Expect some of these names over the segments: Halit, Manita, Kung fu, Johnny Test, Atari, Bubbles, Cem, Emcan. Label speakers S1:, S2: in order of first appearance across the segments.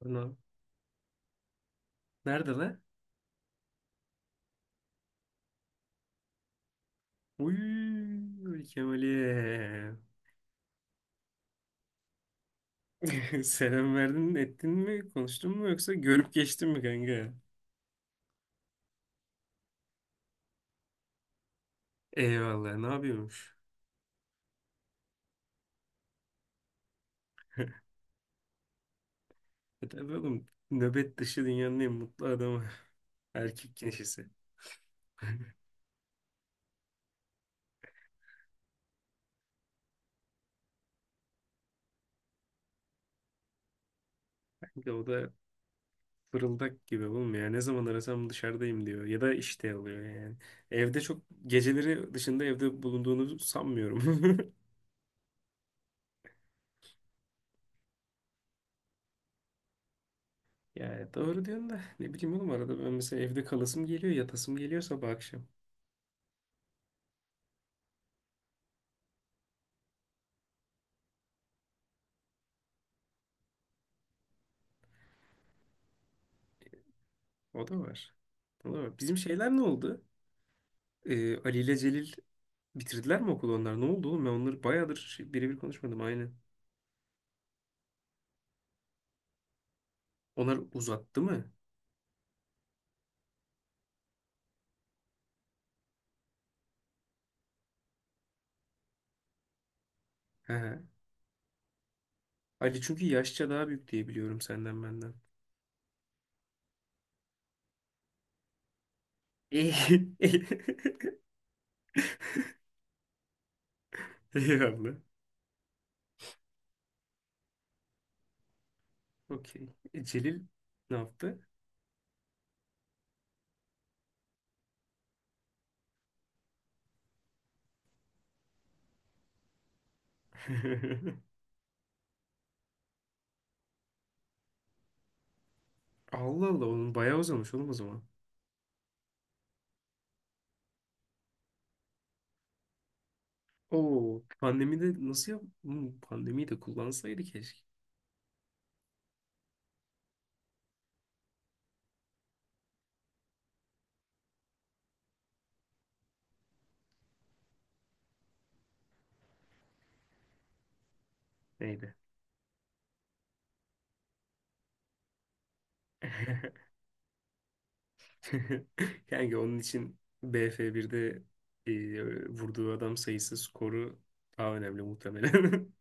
S1: Tamam. Nerede lan? Uy, Kemal'e. Selam verdin, ettin mi, konuştun mu yoksa görüp geçtin mi kanka? Eyvallah, ne yapıyormuş? E tabii oğlum, nöbet dışı dünyanın en mutlu adamı. Erkek neşesi. Kanka o da fırıldak gibi oğlum ya. Ne zaman arasam dışarıdayım diyor. Ya da işte alıyor yani. Evde çok geceleri dışında evde bulunduğunu sanmıyorum. Yani doğru diyorsun da ne bileyim oğlum arada ben mesela evde kalasım geliyor, yatasım geliyor sabah akşam. O da var. O da var. Bizim şeyler ne oldu? Ali ile Celil bitirdiler mi okulu onlar? Ne oldu oğlum? Ben onları bayağıdır birebir konuşmadım aynen. Onlar uzattı mı? He. He. Ali çünkü yaşça daha büyük diye biliyorum senden benden. İyi. Eyvallah. Okey. E, Celil ne yaptı? Allah Allah onun bayağı uzamış oğlum o zaman. Oo, pandemide nasıl yap? Pandemiyi de kullansaydı keşke. Neydi? Kanka onun için BF1'de vurduğu adam sayısı skoru daha önemli muhtemelen.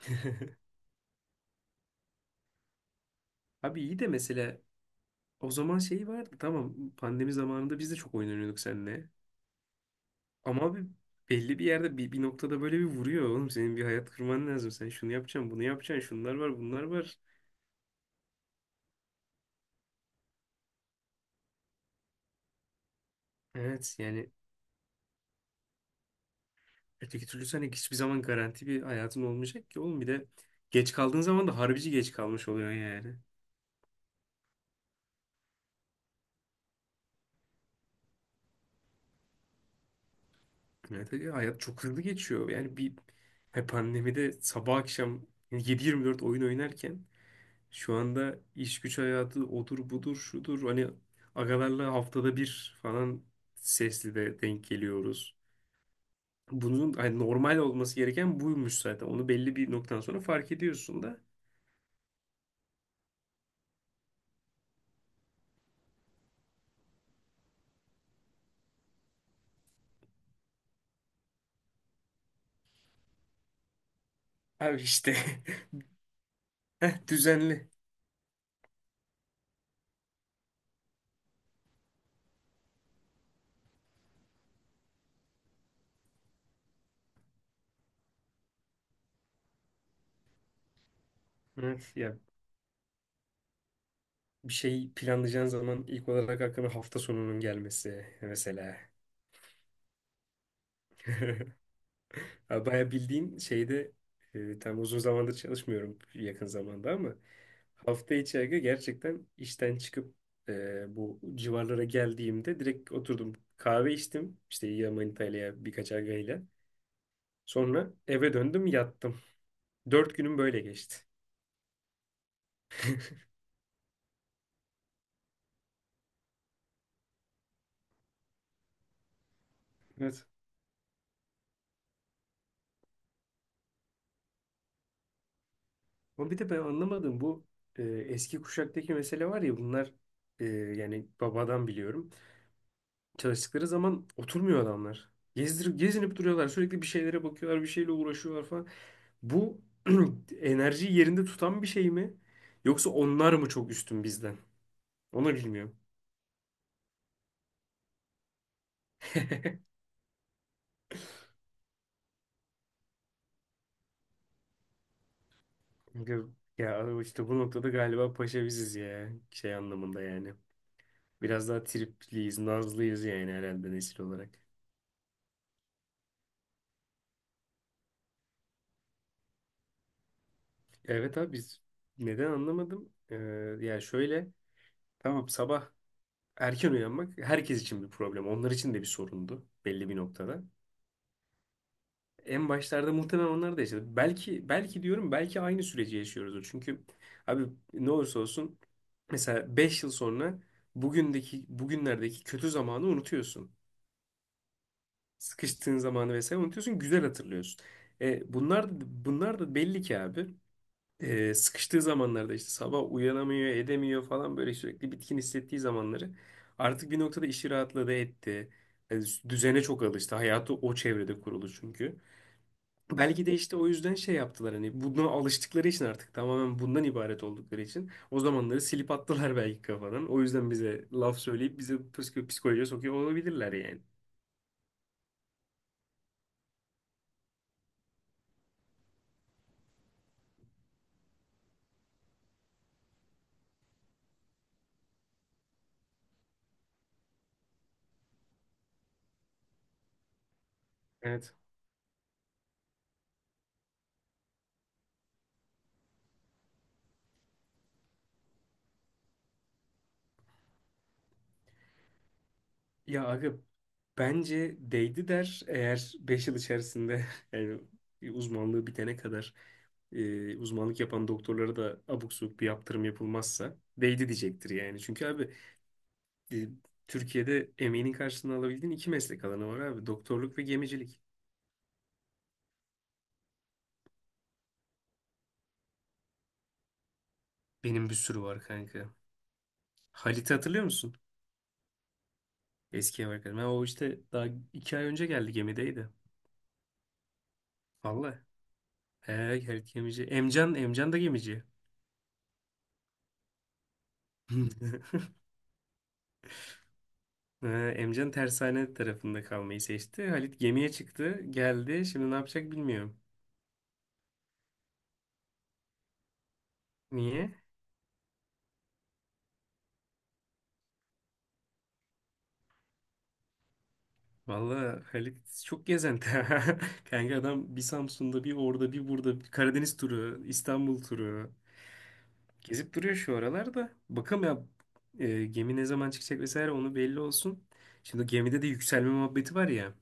S1: Abi iyi de mesela o zaman şey vardı tamam pandemi zamanında biz de çok oyun oynuyorduk seninle. Ama abi belli bir yerde bir noktada böyle bir vuruyor oğlum senin bir hayat kurman lazım. Sen şunu yapacaksın bunu yapacaksın şunlar var bunlar var. Evet yani öteki türlü sen hiçbir zaman garanti bir hayatın olmayacak ki oğlum bir de geç kaldığın zaman da harbici geç kalmış oluyor yani. Evet, evet. Ya hayat çok hızlı geçiyor. Yani bir he pandemide sabah akşam 7-24 oyun oynarken şu anda iş güç hayatı odur budur şudur hani agalarla haftada bir falan sesli de denk geliyoruz. Bunun hani normal olması gereken buymuş zaten. Onu belli bir noktadan sonra fark ediyorsun da. Abi işte düzenli. Evet, ya bir şey planlayacağın zaman ilk olarak aklına hafta sonunun gelmesi mesela. Abi bayağı bildiğin şeyde tam uzun zamandır çalışmıyorum yakın zamanda ama hafta içi aga gerçekten işten çıkıp bu civarlara geldiğimde direkt oturdum kahve içtim işte ya Manita ile ya birkaç agayla. Sonra eve döndüm yattım. 4 günüm böyle geçti. Evet. Ama bir de ben anlamadım bu eski kuşaktaki mesele var ya bunlar yani babadan biliyorum. Çalıştıkları zaman oturmuyor adamlar. Gezdir, gezinip duruyorlar. Sürekli bir şeylere bakıyorlar, bir şeyle uğraşıyorlar falan. Bu enerjiyi yerinde tutan bir şey mi? Yoksa onlar mı çok üstün bizden? Onu bilmiyorum. Çünkü ya işte bu noktada galiba paşa biziz ya. Şey anlamında yani. Biraz daha tripliyiz, nazlıyız yani herhalde nesil olarak. Evet abi biz neden anlamadım? Ya şöyle tamam sabah erken uyanmak herkes için bir problem. Onlar için de bir sorundu belli bir noktada. En başlarda muhtemelen onlar da yaşadı. Belki belki diyorum belki aynı süreci yaşıyoruzdur. Çünkü abi ne olursa olsun mesela 5 yıl sonra bugünlerdeki kötü zamanı unutuyorsun. Sıkıştığın zamanı vesaire unutuyorsun, güzel hatırlıyorsun. E, bunlar da belli ki abi. Sıkıştığı zamanlarda işte sabah uyanamıyor, edemiyor falan böyle sürekli bitkin hissettiği zamanları artık bir noktada işi rahatladı etti. E, düzene çok alıştı. Hayatı o çevrede kurulu çünkü. Belki de işte o yüzden şey yaptılar hani buna alıştıkları için artık tamamen bundan ibaret oldukları için o zamanları silip attılar belki kafadan. O yüzden bize laf söyleyip bizi psikolojiye sokuyor olabilirler yani. Evet. Ya aga bence değdi der eğer 5 yıl içerisinde yani uzmanlığı bitene kadar uzmanlık yapan doktorlara da abuk subuk bir yaptırım yapılmazsa değdi diyecektir yani. Çünkü abi e, Türkiye'de emeğinin karşılığını alabildiğin iki meslek alanı var abi doktorluk ve gemicilik. Benim bir sürü var kanka. Halit'i hatırlıyor musun? Eski ev arkadaşım. Ha, o işte daha 2 ay önce geldi gemideydi. Vallahi. He, Halit gemici. Emcan da gemici. He, Emcan tersane tarafında kalmayı seçti. Halit gemiye çıktı, geldi. Şimdi ne yapacak bilmiyorum. Niye? Vallahi Halit çok gezenti. Kanka adam bir Samsun'da, bir orada, bir burada. Bir Karadeniz turu, İstanbul turu. Gezip duruyor şu aralarda. Bakalım ya gemi ne zaman çıkacak vesaire onu belli olsun. Şimdi gemide de yükselme muhabbeti var ya.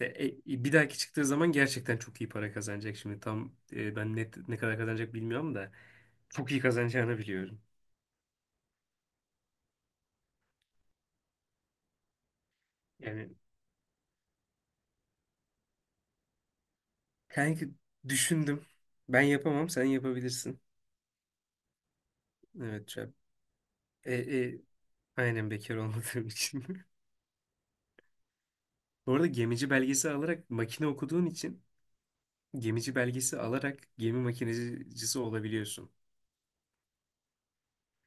S1: E, e, bir dahaki çıktığı zaman gerçekten çok iyi para kazanacak. Şimdi tam ben net ne kadar kazanacak bilmiyorum da çok iyi kazanacağını biliyorum. Yani kanki düşündüm. Ben yapamam sen yapabilirsin. Evet Cem. E, e, aynen bekar olmadığım için. Bu arada gemici belgesi alarak makine okuduğun için gemici belgesi alarak gemi makinecisi olabiliyorsun.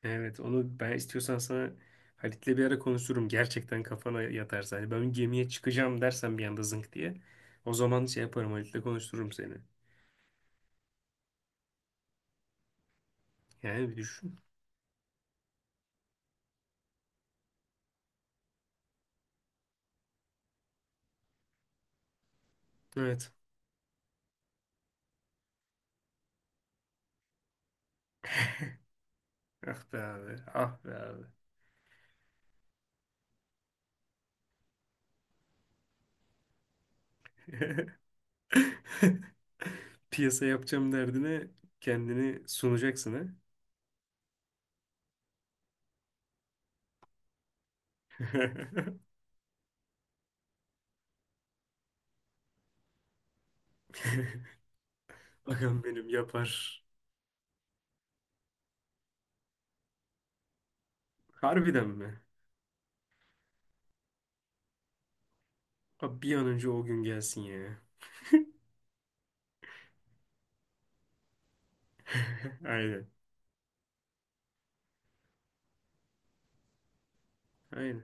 S1: Evet onu ben istiyorsan sana Halit'le bir ara konuşurum. Gerçekten kafana yatarsa. Hani ben gemiye çıkacağım dersen bir anda zınk diye. O zaman şey yaparım Halit'le konuştururum seni. Yani bir düşün. Evet. Ah be abi. Ah be abi. Piyasa yapacağım derdine kendini sunacaksın ha. Bakan benim yapar. Harbiden mi? Abi bir an önce o gün gelsin ya. Aynen. Aynen.